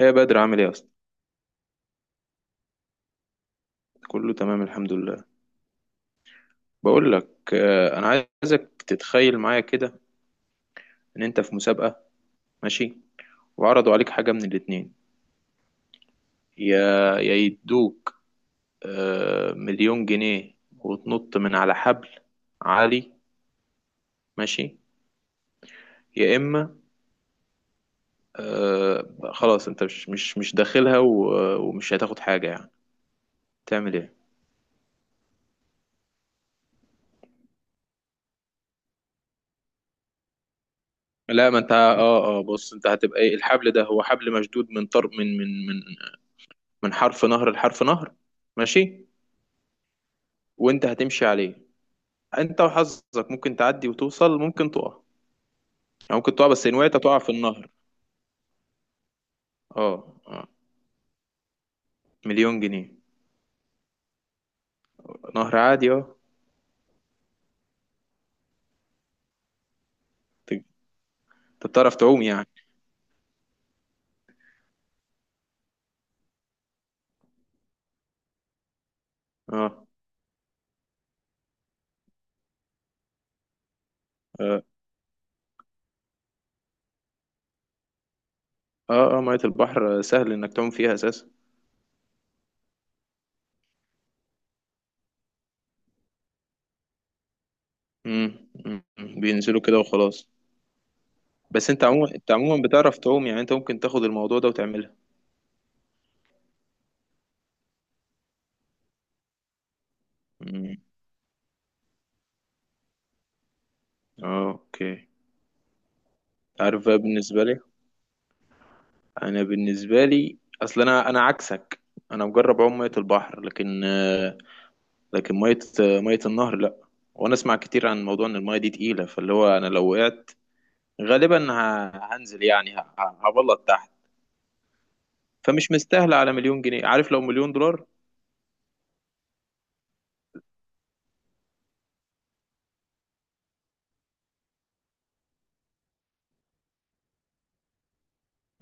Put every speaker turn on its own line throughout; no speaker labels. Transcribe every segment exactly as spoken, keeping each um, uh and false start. ايه يا بدر عامل ايه اصلا. كله تمام الحمد لله. بقول لك آه، انا عايزك تتخيل معايا كده ان انت في مسابقة. ماشي. وعرضوا عليك حاجة من الاتنين، يا يا يدوك آه، مليون جنيه وتنط من على حبل عالي. ماشي. يا اما آه، خلاص انت مش مش مش داخلها و- ومش هتاخد حاجة يعني، تعمل ايه؟ لا، ما انت اه اه بص، انت هتبقى ايه؟ الحبل ده هو حبل مشدود من طرف من من من من حرف نهر لحرف نهر. ماشي. وانت هتمشي عليه، انت وحظك ممكن تعدي وتوصل، ممكن تقع. يعني ممكن تقع، بس ان وقعت تقع في النهر. اه. اه. مليون جنيه. نهر عادي، اه. ت- انت بتعرف تعوم يعني؟ اه. اه اه اه، مية البحر سهل انك تعوم فيها اساسا. مم، مم، مم. بينزلوا كده وخلاص. بس انت عموما، انت عموما بتعرف تعوم يعني، انت ممكن تاخد الموضوع ده وتعملها. مم. اه، اوكي. عارف بقى، بالنسبة لي انا، بالنسبة لي اصل انا انا عكسك. انا مجرب اعوم مية البحر لكن آه، لكن ميه ميه النهر لا. وانا اسمع كتير عن موضوع ان الميه دي تقيله، فاللي هو انا لو وقعت غالبا ه- هنزل يعني، ه- ه- هبلط تحت. فمش مستاهله على مليون جنيه، عارف؟ لو مليون دولار.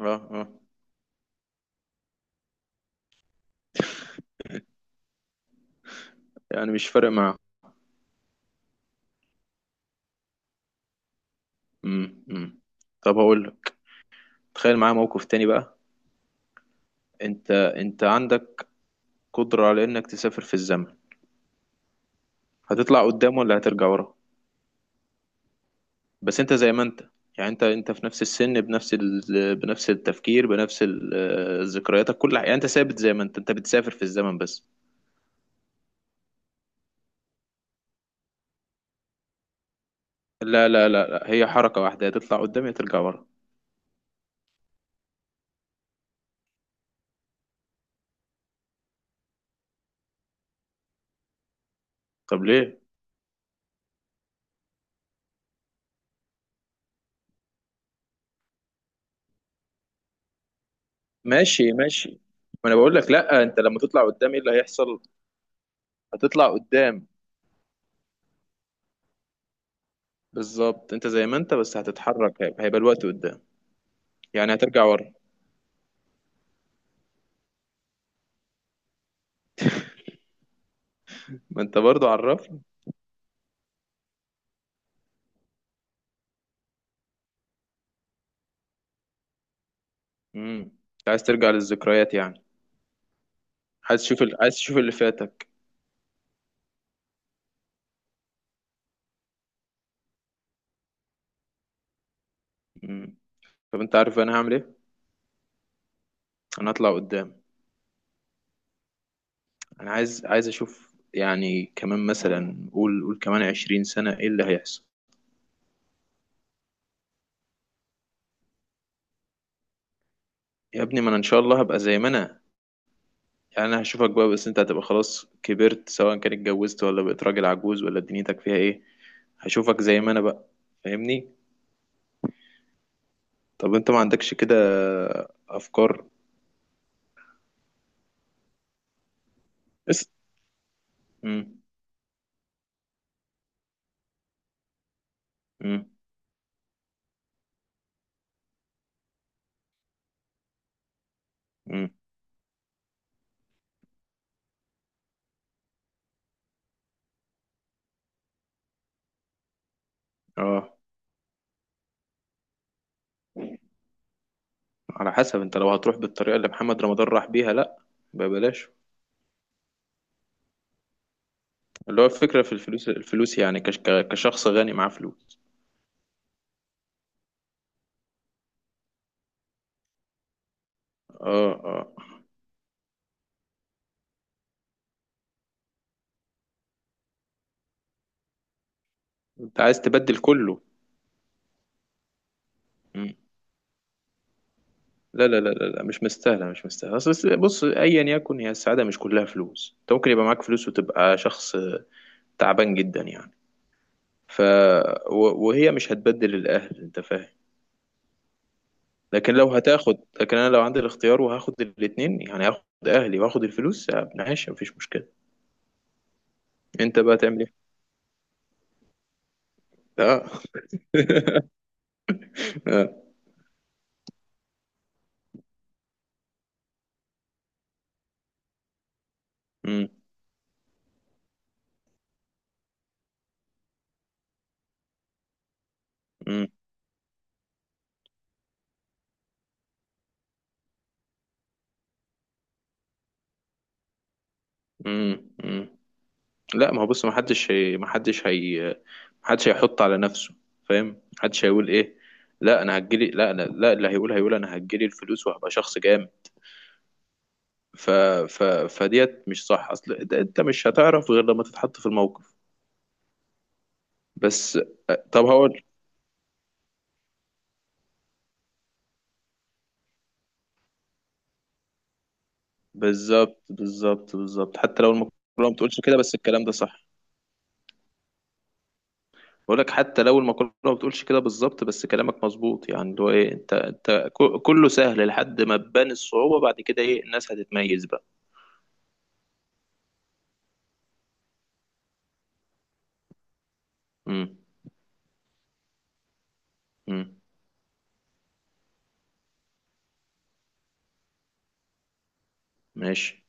اه. اه. يعني مش فارق معاه. امم. أمم. طب هقول لك، تخيل معايا موقف تاني بقى. انت انت عندك قدره على انك تسافر في الزمن، هتطلع قدام ولا هترجع ورا؟ بس انت زي ما انت، يعني انت انت في نفس السن، بنفس ال... بنفس التفكير، بنفس ال- آه، ذكرياتك، كل حاجه. يعني انت ثابت زي ما انت، انت بتسافر في الزمن بس. لا لا لا لا، هي حركه واحده، يا تطلع قدام يا ترجع ورا. طب ليه؟ ماشي، ماشي. ما انا بقول لك، لا، انت لما تطلع قدام ايه اللي هيحصل؟ هتطلع قدام. بالظبط انت زي ما انت، بس هتتحرك، هيبقى هيبقى الوقت قدام. يعني هترجع ورا. ما انت برضو عرفني. امم. انت عايز ترجع للذكريات يعني؟ عايز تشوف ال... عايز تشوف اللي فاتك. امم. طب انت عارف انا هعمل ايه؟ انا هطلع قدام. انا عايز عايز اشوف يعني، كمان مثلا، قول قول كمان عشرين سنة ايه اللي هيحصل. يا ابني، ما انا ان شاء الله هبقى زي ما انا، يعني انا هشوفك بقى، بس انت هتبقى خلاص كبرت، سواء كان اتجوزت ولا بقيت راجل عجوز ولا دنيتك فيها ايه. هشوفك زي ما انا بقى. فاهمني؟ طب انت ما عندكش كده افكار؟ اس امم. امم. امم. اه، على حسب. انت لو هتروح بالطريقة اللي محمد رمضان راح بيها، لا. ببلاش. اللي هو الفكرة في الفلوس، الفلوس يعني، كش- ك- كشخص غني معاه فلوس. اه، اه. انت عايز تبدل كله؟ مم. لا لا لا لا لا، مش مستاهله، مش مستاهله. اصل الس- بص، ايا يكن، هي السعاده مش كلها فلوس، انت ممكن يبقى معاك فلوس وتبقى شخص تعبان جدا يعني. ف، و- وهي مش هتبدل الاهل، انت فاهم؟ لكن لو هتاخد، لكن انا لو عندي الاختيار وهاخد الاثنين، يعني هاخد اهلي واخد الفلوس آه، ماشي، مفيش مشكله. انت بقى تعمل ايه؟ اه. آه. مم. مم. مم. مم. لا، ما هو بص، ما حدش هي ما حدش هي ما حدش هيحط على نفسه. فاهم؟ ما حدش هيقول ايه، لا انا هجيلي لا أنا لا اللي هيقول هيقول انا هجيلي الفلوس وهبقى شخص جامد. ف، ف، فديت. مش صح؟ اصل ده انت مش هتعرف غير لما تتحط في الموقف. بس. طب هقول. بالظبط، بالظبط، بالظبط. حتى لو المقولة ما بتقولش كده، بس الكلام ده صح. بقول لك، حتى لو المقولة ما بتقولش كده بالظبط، بس كلامك مظبوط. يعني اللي هو ايه، انت انت ك- كله سهل لحد ما تبان الصعوبة، بعد كده ايه، الناس هتتميز بقى. امم. مم. ماشي.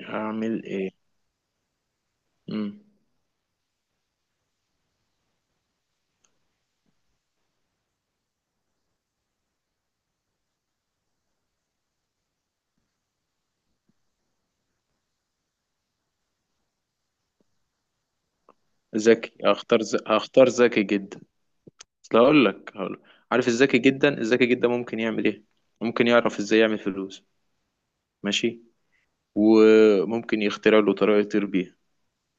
هعمل ايه؟ مم. ذكي. هختار ز... هختار ذكي جدا. اصل هقول لك، هقول عارف الذكي جدا، الذكي جدا ممكن يعمل ايه؟ ممكن يعرف ازاي يعمل فلوس. ماشي. وممكن يخترع له طريقة يطير بيها.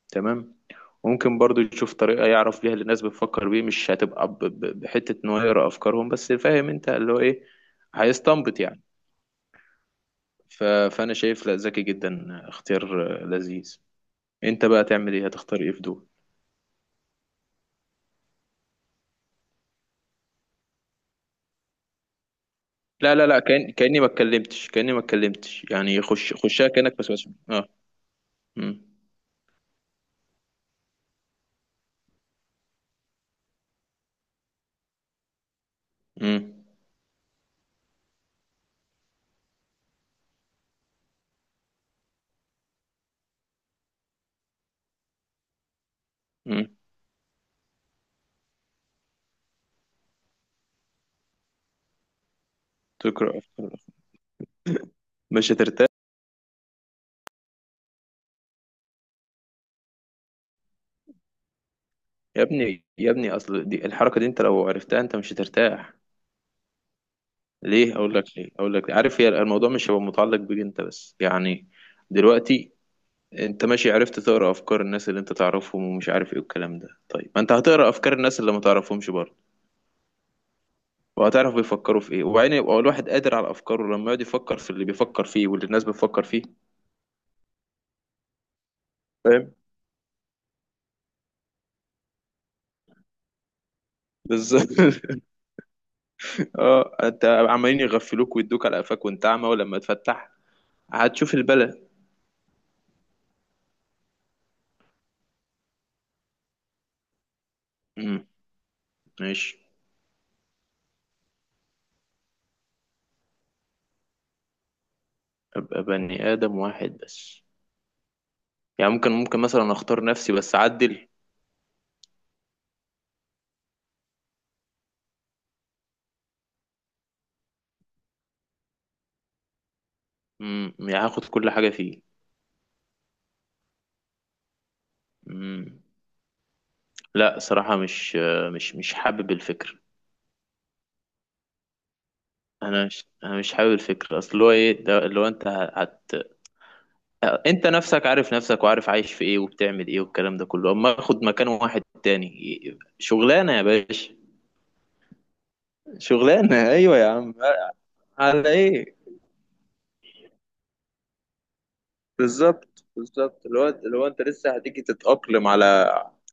تمام. ممكن برضو يشوف طريقة يعرف بيها اللي الناس بتفكر بيه، مش هتبقى ب... ب... بحتة ان هو يقرا افكارهم بس، فاهم انت اللي هو ايه، هيستنبط يعني. ف... فانا شايف لا، ذكي جدا اختيار لذيذ. انت بقى تعمل ايه؟ هتختار ايه في دول؟ لا لا لا، كأن، كأني ما اتكلمتش كأني ما اتكلمتش يعني، خش خشها كأنك، بس بس اه. امم. امم. امم. تقرأ أفكار. مش هترتاح. يا ابني، يا ابني، اصل دي الحركة دي انت لو عرفتها انت مش هترتاح. ليه؟ اقول لك ليه، اقول لك ليه. عارف، هي الموضوع مش هيبقى متعلق بيك انت بس يعني. دلوقتي انت ماشي عرفت تقرأ افكار الناس اللي انت تعرفهم ومش عارف ايه والكلام ده، طيب ما انت هتقرأ افكار الناس اللي ما تعرفهمش برضه. وهتعرف بيفكروا في ايه، وبعدين يبقى الواحد قادر على افكاره لما يقعد يفكر في اللي بيفكر فيه واللي الناس بتفكر فيه. فاهم؟ بالظبط. اه، انت عمالين يغفلوك ويدوك على قفاك وانت اعمى، ولما تفتح هتشوف البلا. امم. ماشي. ابقى بني ادم واحد بس؟ يعني ممكن، ممكن مثلا اختار نفسي بس اعدل؟ امم. يعني هاخد كل حاجه فيه؟ امم. لا صراحه، مش، مش مش حابب الفكر. انا مش انا مش حابب الفكر. اصل هو ايه ده؟ اللي هو انت هت، انت نفسك عارف نفسك وعارف عايش في ايه وبتعمل ايه والكلام ده كله، اما اخد مكان واحد تاني، شغلانه يا باشا. شغلانه، ايوه يا عم. على ايه؟ بالظبط، بالظبط. اللي هو، اللي هو انت لسه هتيجي تتاقلم على،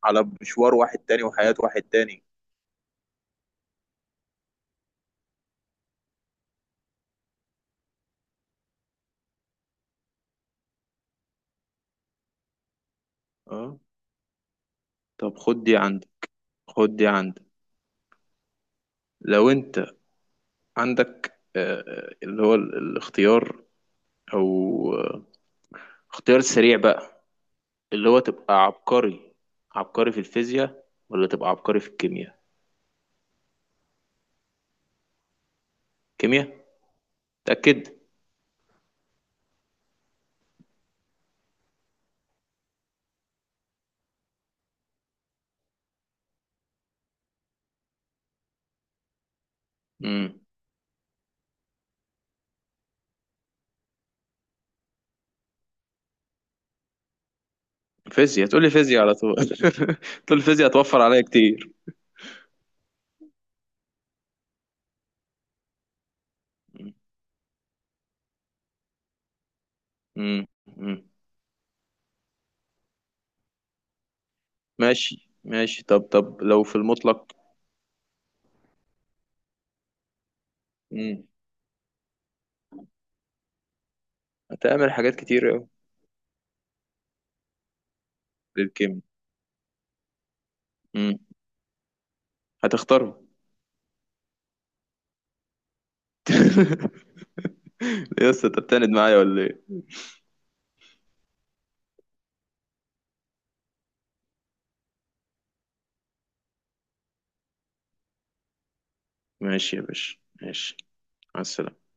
على مشوار واحد تاني وحياه واحد تاني. اه. طب خد دي عندك، خد دي عندك. لو انت عندك آه، اللي هو ال- الاختيار، او آه، اختيار سريع بقى، اللي هو تبقى عبقري، عبقري في الفيزياء ولا تبقى عبقري في الكيمياء؟ كيمياء. تأكد. امم. فيزياء. تقول لي فيزياء على طول؟ تقول لي فيزياء هتوفر عليا كتير. مم. مم. ماشي، ماشي. طب، طب لو في المطلق. مم. هتعمل حاجات كتير أوي. للكيمياء. مم. هتختارهم؟ ليه يا اسطى، انت بتعند معايا ولا ايه؟ ماشي يا باشا، ماشي. مع السلامة.